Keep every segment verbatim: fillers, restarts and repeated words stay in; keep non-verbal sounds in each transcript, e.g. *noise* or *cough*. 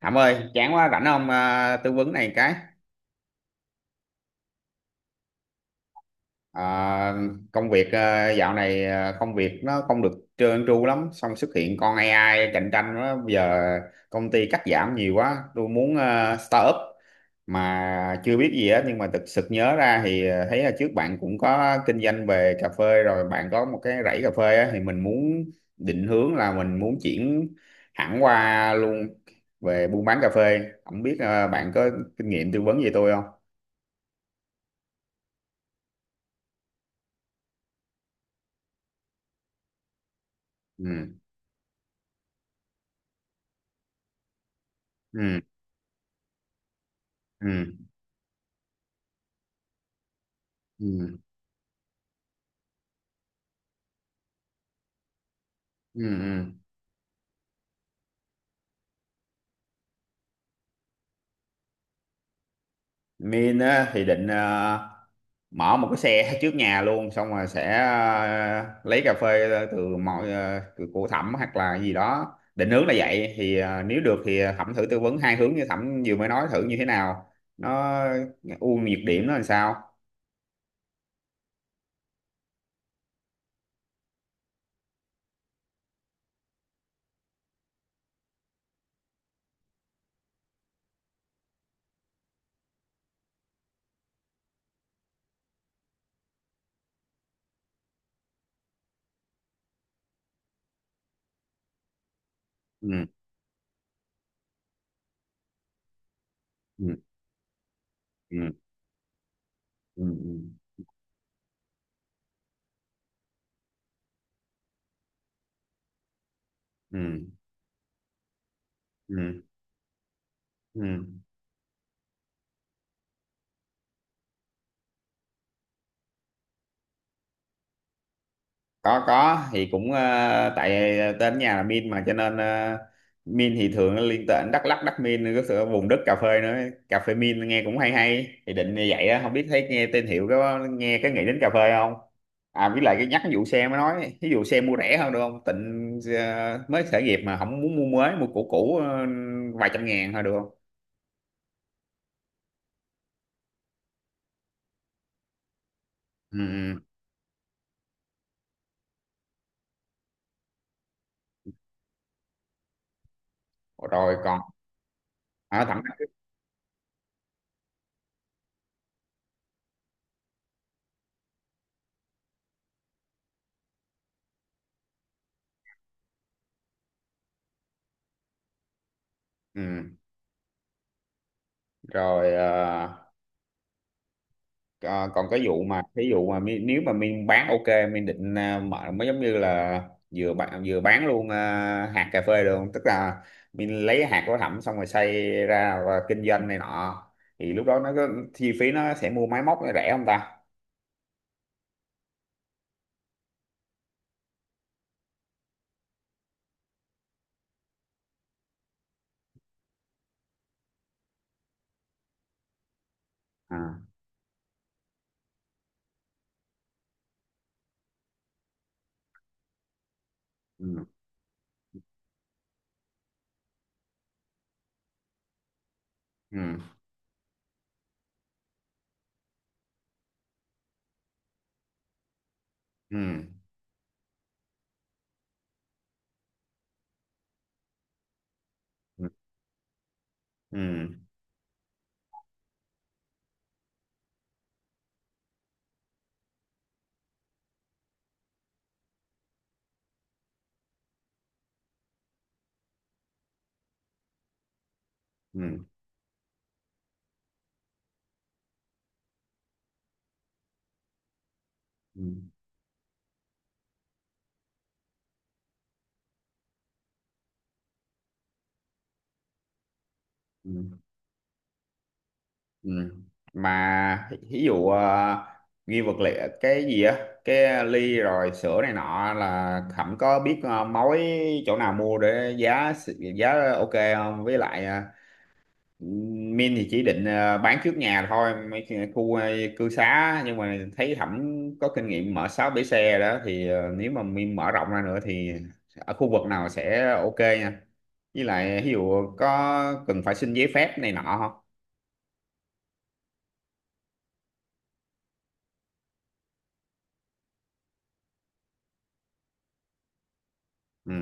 Thảm ơi, chán quá rảnh không à, tư vấn này cái. à, công việc, à, dạo này, à, công việc nó không được trơn tru lắm, xong xuất hiện con a i cạnh tranh đó. Bây giờ công ty cắt giảm nhiều quá, tôi muốn à, start up mà chưa biết gì hết. Nhưng mà thực sự nhớ ra thì à, thấy là trước bạn cũng có kinh doanh về cà phê rồi, bạn có một cái rẫy cà phê á, thì mình muốn định hướng là mình muốn chuyển hẳn qua luôn về buôn bán cà phê. Không biết à, bạn có kinh nghiệm tư vấn gì tôi không? Ừ, ừ, ừ, ừ, ừ, ừ. Min á thì định ờ, mở một cái xe *laughs* trước nhà luôn, xong rồi sẽ ờ, lấy cà phê từ mọi ờ, từ của Thẩm hoặc là gì đó, định hướng là vậy. Thì ờ, nếu được thì Thẩm thử tư vấn hai hướng như Thẩm vừa mới nói thử như thế nào, nó ưu nhược điểm nó làm sao. Ừ, ừ, ừ, ừ, ừ, ừ, ừ, ừ. Ừ. có có thì cũng ờ, tại ờ, tên nhà là Min mà, cho nên ờ, Min thì thường nó liên tên Đắk Lắk, Đắk Min có sự vùng đất cà phê nữa, cà phê Min nghe cũng hay hay, thì định như vậy á. Không biết thấy nghe tên hiệu có nghe cái nghĩ đến cà phê không? À, với lại cái nhắc cái vụ xe mới nói, ví dụ xe mua rẻ hơn được không, tịnh ờ, mới khởi nghiệp mà không muốn mua mới, mua cũ cũ ờ, vài trăm ngàn thôi được không? Ừ, ừ. Rồi còn ở thẳng. Ừ. Rồi ờ, ờ, còn cái vụ mà ví dụ mà mi- nếu mà Miên bán ok, Miên định à, mở mới giống như là vừa bán, vừa bán luôn à, hạt cà phê được không? Tức là Miên lấy hạt của Thẩm xong rồi xay ra và kinh doanh này nọ, thì lúc đó nó có chi phí, nó sẽ mua máy móc nó rẻ không ta? À, ừ, ừ, ừ, ừ, ừ, ừ, ừ, ừ. Ừ. Ừ. Mà ví dụ ờ, ghi vật liệu cái gì á, cái ly rồi sữa này nọ, là Khẩm có biết ờ, mối chỗ nào mua để giá giá ok không? Với lại ờ, Min thì chỉ định ờ, bán trước nhà thôi, mấy cái khu ờ, cư xá. Nhưng mà thấy Khẩm có kinh nghiệm mở sáu bể xe đó, thì ờ, nếu mà Min mở rộng ra nữa thì ở khu vực nào sẽ ok nha. Với lại ví dụ có cần phải xin giấy phép này nọ không? Ừ,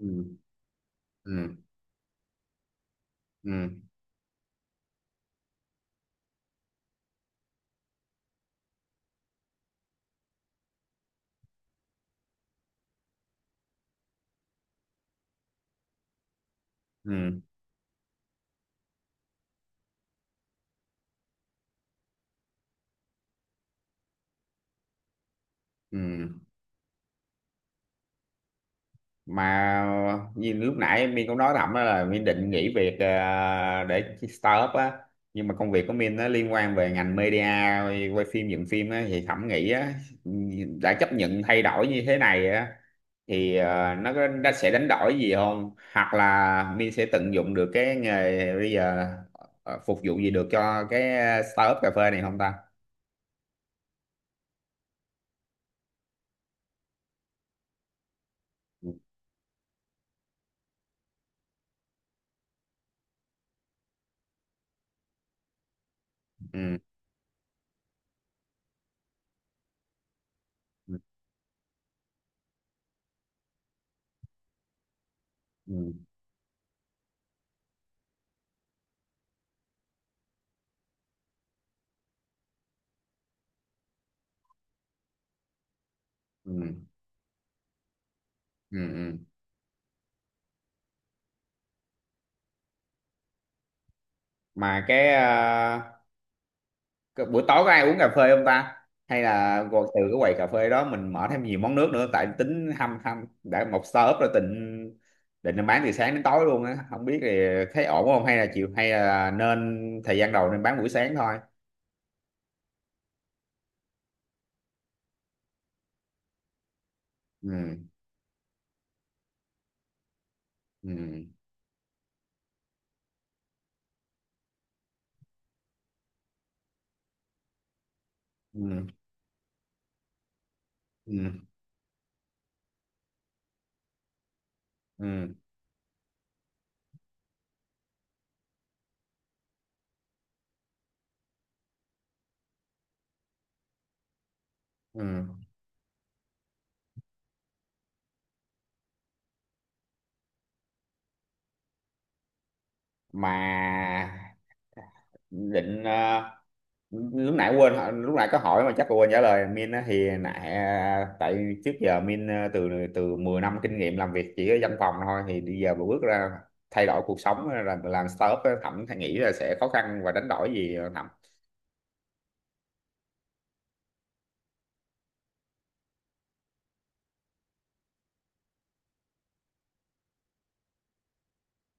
ừ, ừ, ừ, ừ, ừ. Mà như lúc nãy Min cũng nói thầm á, là Min định nghỉ việc ờ, để startup á, nhưng mà công việc của Min nó liên quan về ngành media, quay phim dựng phim á, thì Thẩm nghĩ á, đã chấp nhận thay đổi như thế này á thì ờ, nó có- nó sẽ đánh đổi gì không, hoặc là Min sẽ tận dụng được cái nghề bây giờ ờ, phục vụ gì được cho cái startup cà phê này không ta? Ừ, ừ, ừ, ừ, ừ, ừ. Ừ. Mà cái ờ, cái buổi tối có ai uống cà phê không ta, hay là gọi từ cái quầy cà phê đó mình mở thêm nhiều món nước nữa? Tại tính hâm hâm đã một startup rồi, định định bán từ sáng đến tối luôn á. Không biết thì thấy ổn không, hay là chịu, hay là nên thời gian đầu nên bán buổi sáng thôi? Ừ, ừ, ừ, ừ, ừ, ừ. Mà định ờ, lúc nãy quên hỏi- lúc nãy có hỏi mà chắc quên trả lời Min á, thì nãy à, tại trước giờ Min, à, từ từ mười năm kinh nghiệm làm việc chỉ ở văn phòng thôi, thì bây giờ mà bước ra thay đổi cuộc sống á, làm làm startup á, Thẩm thấy nghĩ là sẽ khó khăn và đánh đổi gì không, Thẩm?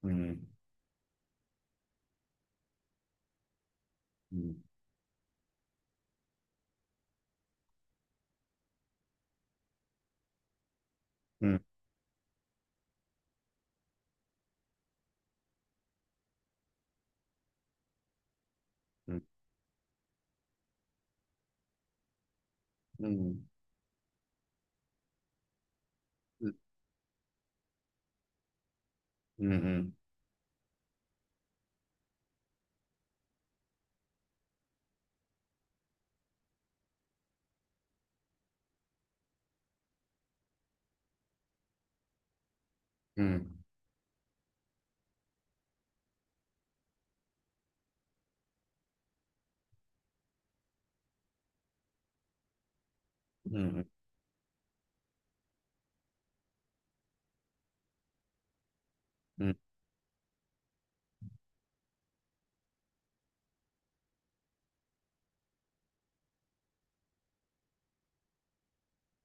Ừ, ừ, ừ, ừ, ừ, ừ, ừ, ừ, ừ, ừ,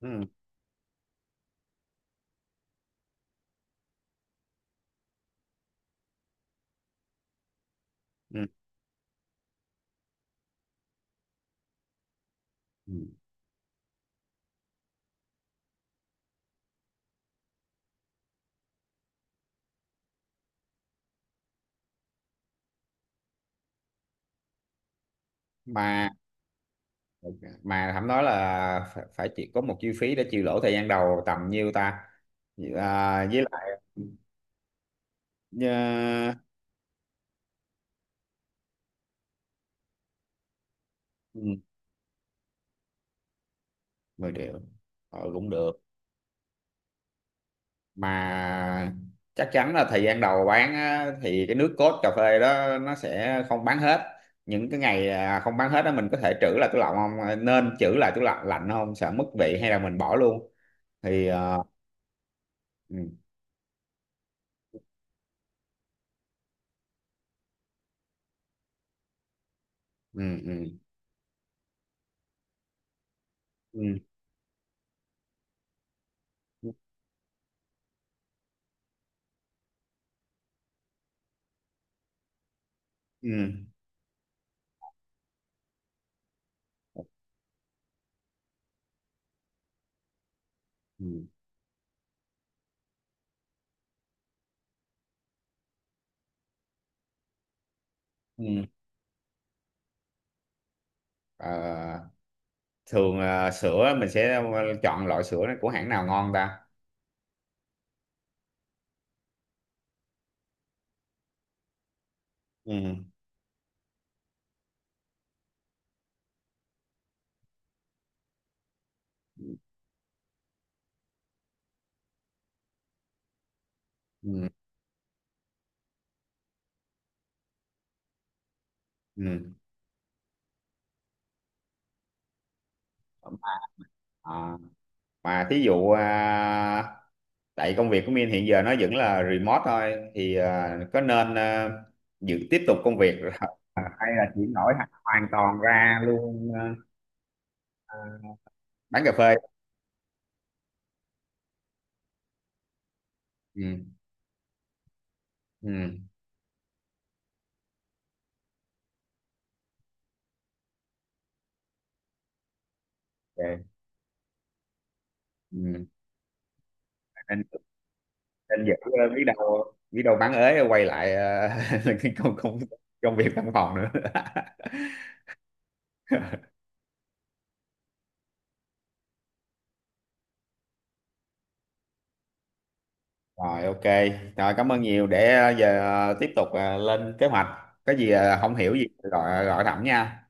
ừ, ừ, ừ, mà mà Thẩm nói là phải, phải chỉ có một chi phí để chịu lỗ thời gian đầu tầm nhiêu ta? à, với lại Ờ, ừ, 10 triệu ờ, cũng được. Mà chắc chắn là thời gian đầu bán á, thì cái nước cốt cà phê đó nó sẽ không bán hết, những cái ngày à, không bán hết đó mình có thể trữ lại tủ lạnh không? À, nên trữ lại tủ lạnh lạnh không sợ mất vị, hay là mình bỏ luôn thì ờ, ừ, ừ, ừ, ừ, ừ, ừ, ừ, ừ. Ờ, thường ờ, sữa mình sẽ chọn loại sữa của hãng nào ngon ta? Ừ, ừ, ừ. Mà, À, mà thí dụ, à, tại công việc của Min hiện giờ nó vẫn là remote thôi, thì à, có nên à, giữ tiếp tục công việc rồi *laughs* hay là chuyển đổi hẳn hoàn toàn ra luôn, à, à, bán cà phê? Ừ, ừ, ok. Ừ. nên nên giữ, à, biết đâu biết đâu bán ế quay lại à, *laughs* cái công công công việc văn phòng nữa *laughs* rồi ok. Rồi cảm ơn nhiều, để à, giờ à, tiếp tục à, lên kế hoạch, có gì à, không hiểu gì gọi gọi thẳng nha.